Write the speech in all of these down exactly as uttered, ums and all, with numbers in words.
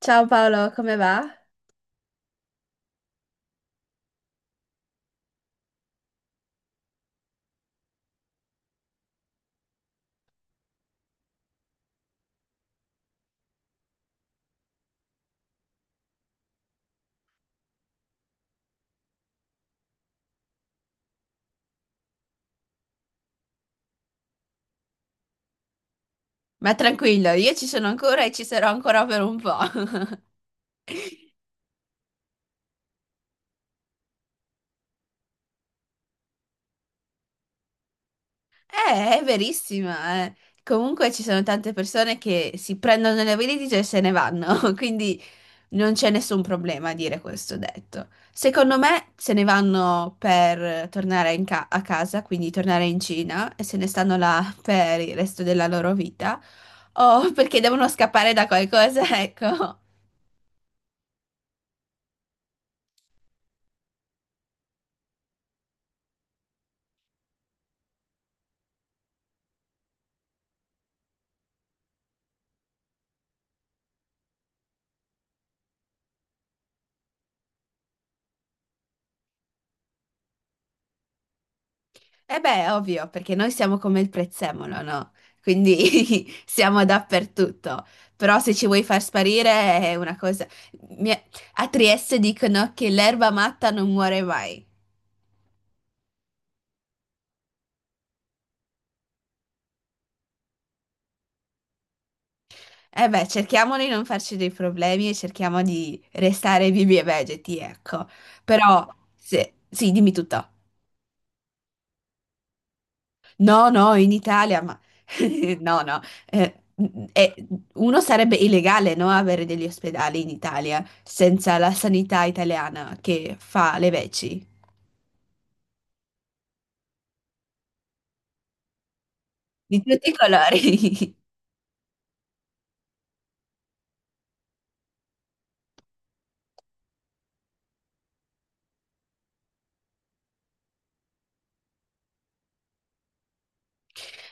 Ciao Paolo, come va? Ma tranquillo, io ci sono ancora e ci sarò ancora per un po'. Eh, è verissima, eh. Comunque ci sono tante persone che si prendono le valigie e se ne vanno, quindi non c'è nessun problema a dire questo detto. Secondo me se ne vanno per tornare in ca- a casa, quindi tornare in Cina e se ne stanno là per il resto della loro vita, o perché devono scappare da qualcosa, ecco. Eh beh, ovvio, perché noi siamo come il prezzemolo, no? Quindi siamo dappertutto. Però se ci vuoi far sparire è una cosa... Mi- A Trieste dicono che l'erba matta non muore mai. Eh beh, cerchiamo di non farci dei problemi e cerchiamo di restare vivi e vegeti, ecco. Però, se... sì, dimmi tutto. No, no, in Italia, ma no, no, eh, eh, uno sarebbe illegale, no, avere degli ospedali in Italia senza la sanità italiana che fa le veci di tutti i colori.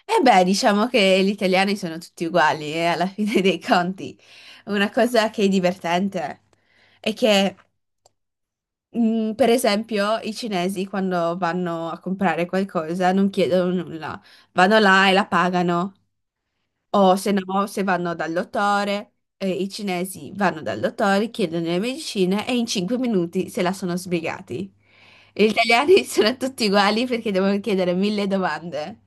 E beh, diciamo che gli italiani sono tutti uguali, e alla fine dei conti. Una cosa che è divertente è che, mh, per esempio, i cinesi quando vanno a comprare qualcosa non chiedono nulla, vanno là e la pagano. O se no, se vanno dal dottore, eh, i cinesi vanno dal dottore, chiedono le medicine e in cinque minuti se la sono sbrigati. Gli italiani sono tutti uguali perché devono chiedere mille domande.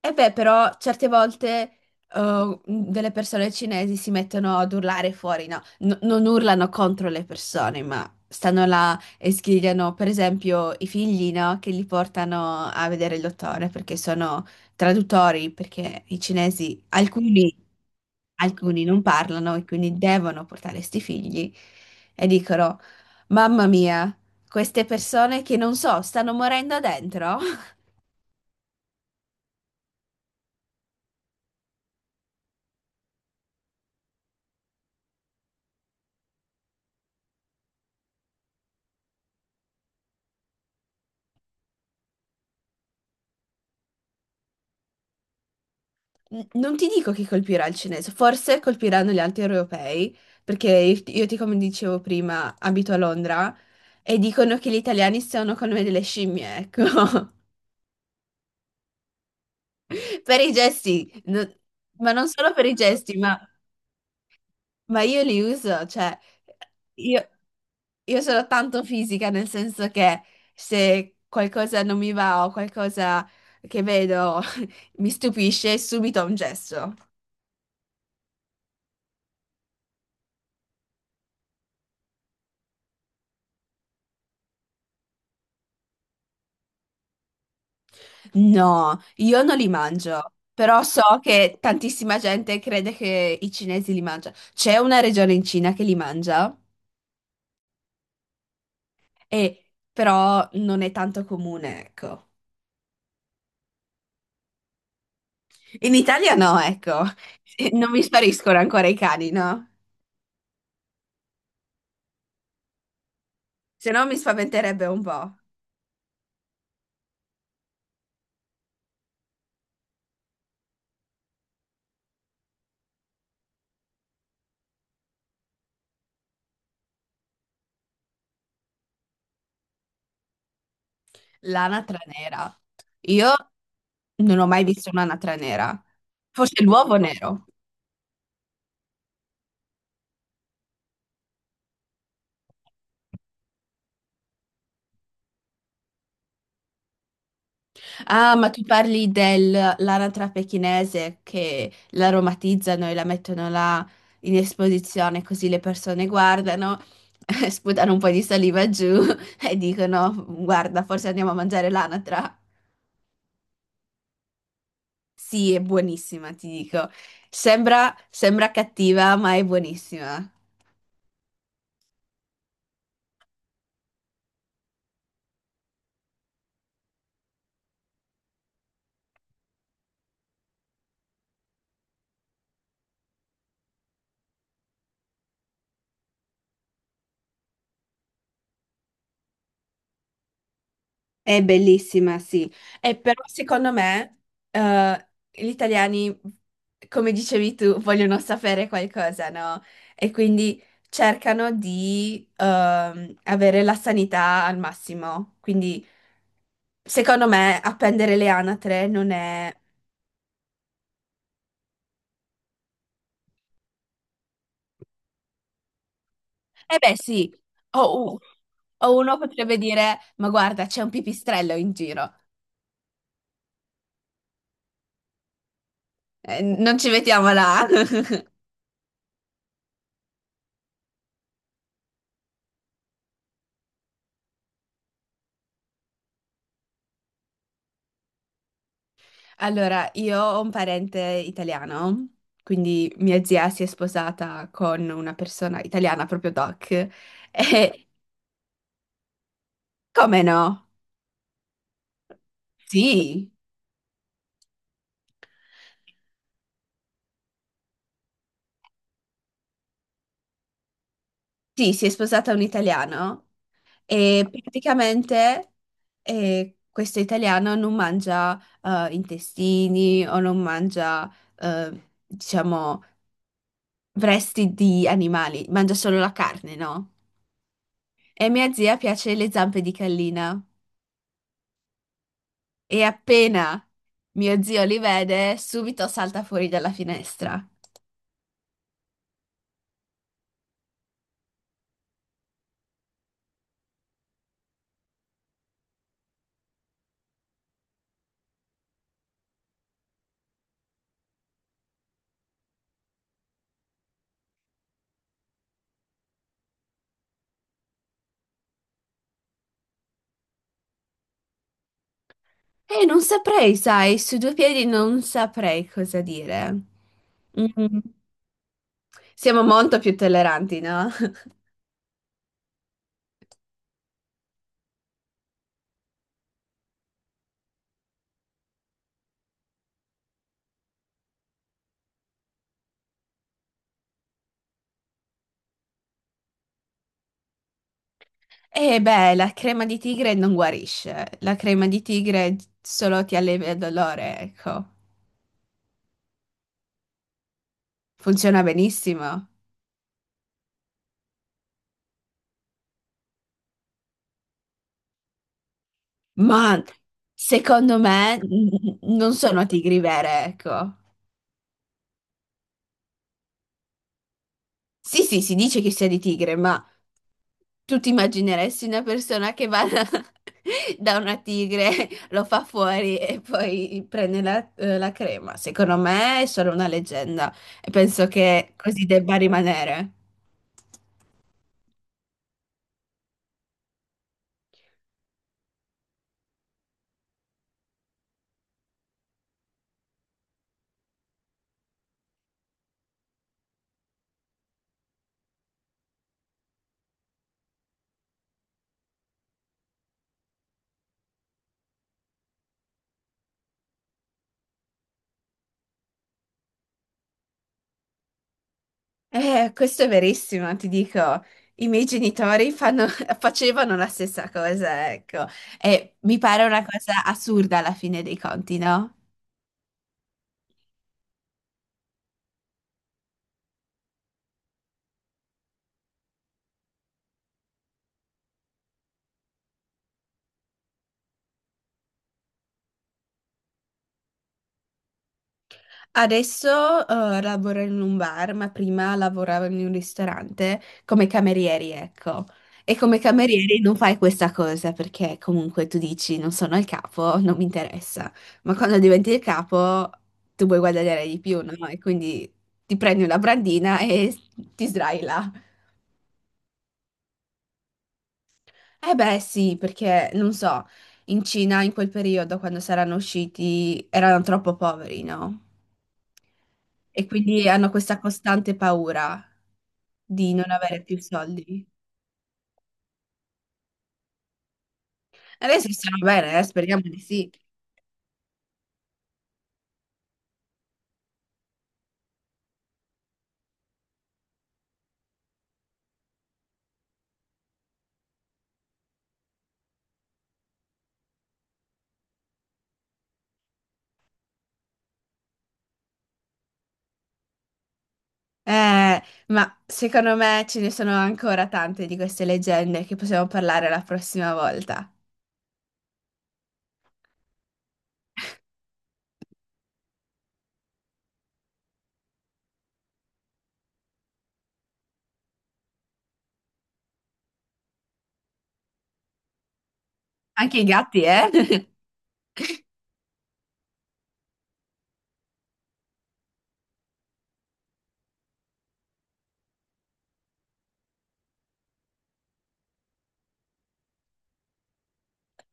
E beh, però certe volte eh, delle persone cinesi si mettono ad urlare fuori, no? N- non urlano contro le persone, ma stanno là e sgridano, per esempio, i figli, no? Che li portano a vedere il dottore perché sono traduttori, perché i cinesi, alcuni, alcuni non parlano e quindi devono portare sti figli e dicono, mamma mia, queste persone che non so, stanno morendo dentro. N- Non ti dico chi colpirà il cinese, forse colpiranno gli altri europei, perché io io ti, come dicevo prima, abito a Londra e dicono che gli italiani sono come delle scimmie, ecco, per i gesti, no- ma non solo per i gesti, ma, ma io li uso, cioè, io, io sono tanto fisica, nel senso che se qualcosa non mi va o qualcosa che vedo mi stupisce, subito ho un gesto. No, io non li mangio, però so che tantissima gente crede che i cinesi li mangiano. C'è una regione in Cina che li mangia, e- però non è tanto comune, ecco. In Italia no, ecco. Non mi spariscono ancora i cani, no? Se no mi spaventerebbe un po'. L'anatra nera. Io non ho mai visto un'anatra nera. Forse l'uovo nero. Ah, ma tu parli dell'anatra pechinese che l'aromatizzano e la mettono là in esposizione così le persone guardano, sputano un po' di saliva giù e dicono, guarda, forse andiamo a mangiare l'anatra. Sì, è buonissima, ti dico. Sembra, sembra cattiva, ma è buonissima. È bellissima, sì. E però secondo me eh, gli italiani, come dicevi tu, vogliono sapere qualcosa, no? E quindi cercano di ehm, avere la sanità al massimo. Quindi secondo me appendere le anatre non è... Eh beh sì, o, u- o uno potrebbe dire, ma guarda, c'è un pipistrello in giro. Eh, non ci mettiamo là. Allora, io ho un parente italiano, quindi mia zia si è sposata con una persona italiana, proprio Doc. E come no? Sì, sì, si è sposata un italiano e praticamente eh, questo italiano non mangia eh, intestini o non mangia, eh, diciamo, resti di animali, mangia solo la carne, no? E a mia zia piace le zampe di gallina. E appena mio zio li vede, subito salta fuori dalla finestra. E non saprei, sai, su due piedi non saprei cosa dire. Mm, siamo molto più tolleranti, no? E beh, la crema di tigre non guarisce. La crema di tigre solo ti allevia il dolore, ecco. Funziona benissimo. Ma secondo me n- non sono tigri vere, ecco. Sì, sì, si dice che sia di tigre, ma tu ti immagineresti una persona che va da, da una tigre, lo fa fuori e poi prende la, eh, la crema? Secondo me è solo una leggenda e penso che così debba rimanere. Eh, questo è verissimo, ti dico. I miei genitori fanno- facevano la stessa cosa, ecco. E mi pare una cosa assurda alla fine dei conti, no? Adesso eh, lavoro in un bar, ma prima lavoravo in un ristorante come camerieri, ecco. E come camerieri non fai questa cosa perché comunque tu dici non sono il capo, non mi interessa. Ma quando diventi il capo tu vuoi guadagnare di più, no? E quindi ti prendi una brandina e ti sdrai là. Eh beh, sì, perché non so, in Cina in quel periodo quando saranno usciti erano troppo poveri, no? E quindi hanno questa costante paura di non avere più soldi. Adesso stanno bene, eh, speriamo di sì. Eh, ma secondo me ce ne sono ancora tante di queste leggende che possiamo parlare la prossima volta. Anche i gatti, eh?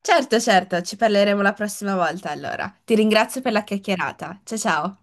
Certo, certo, ci parleremo la prossima volta allora. Ti ringrazio per la chiacchierata. Ciao ciao.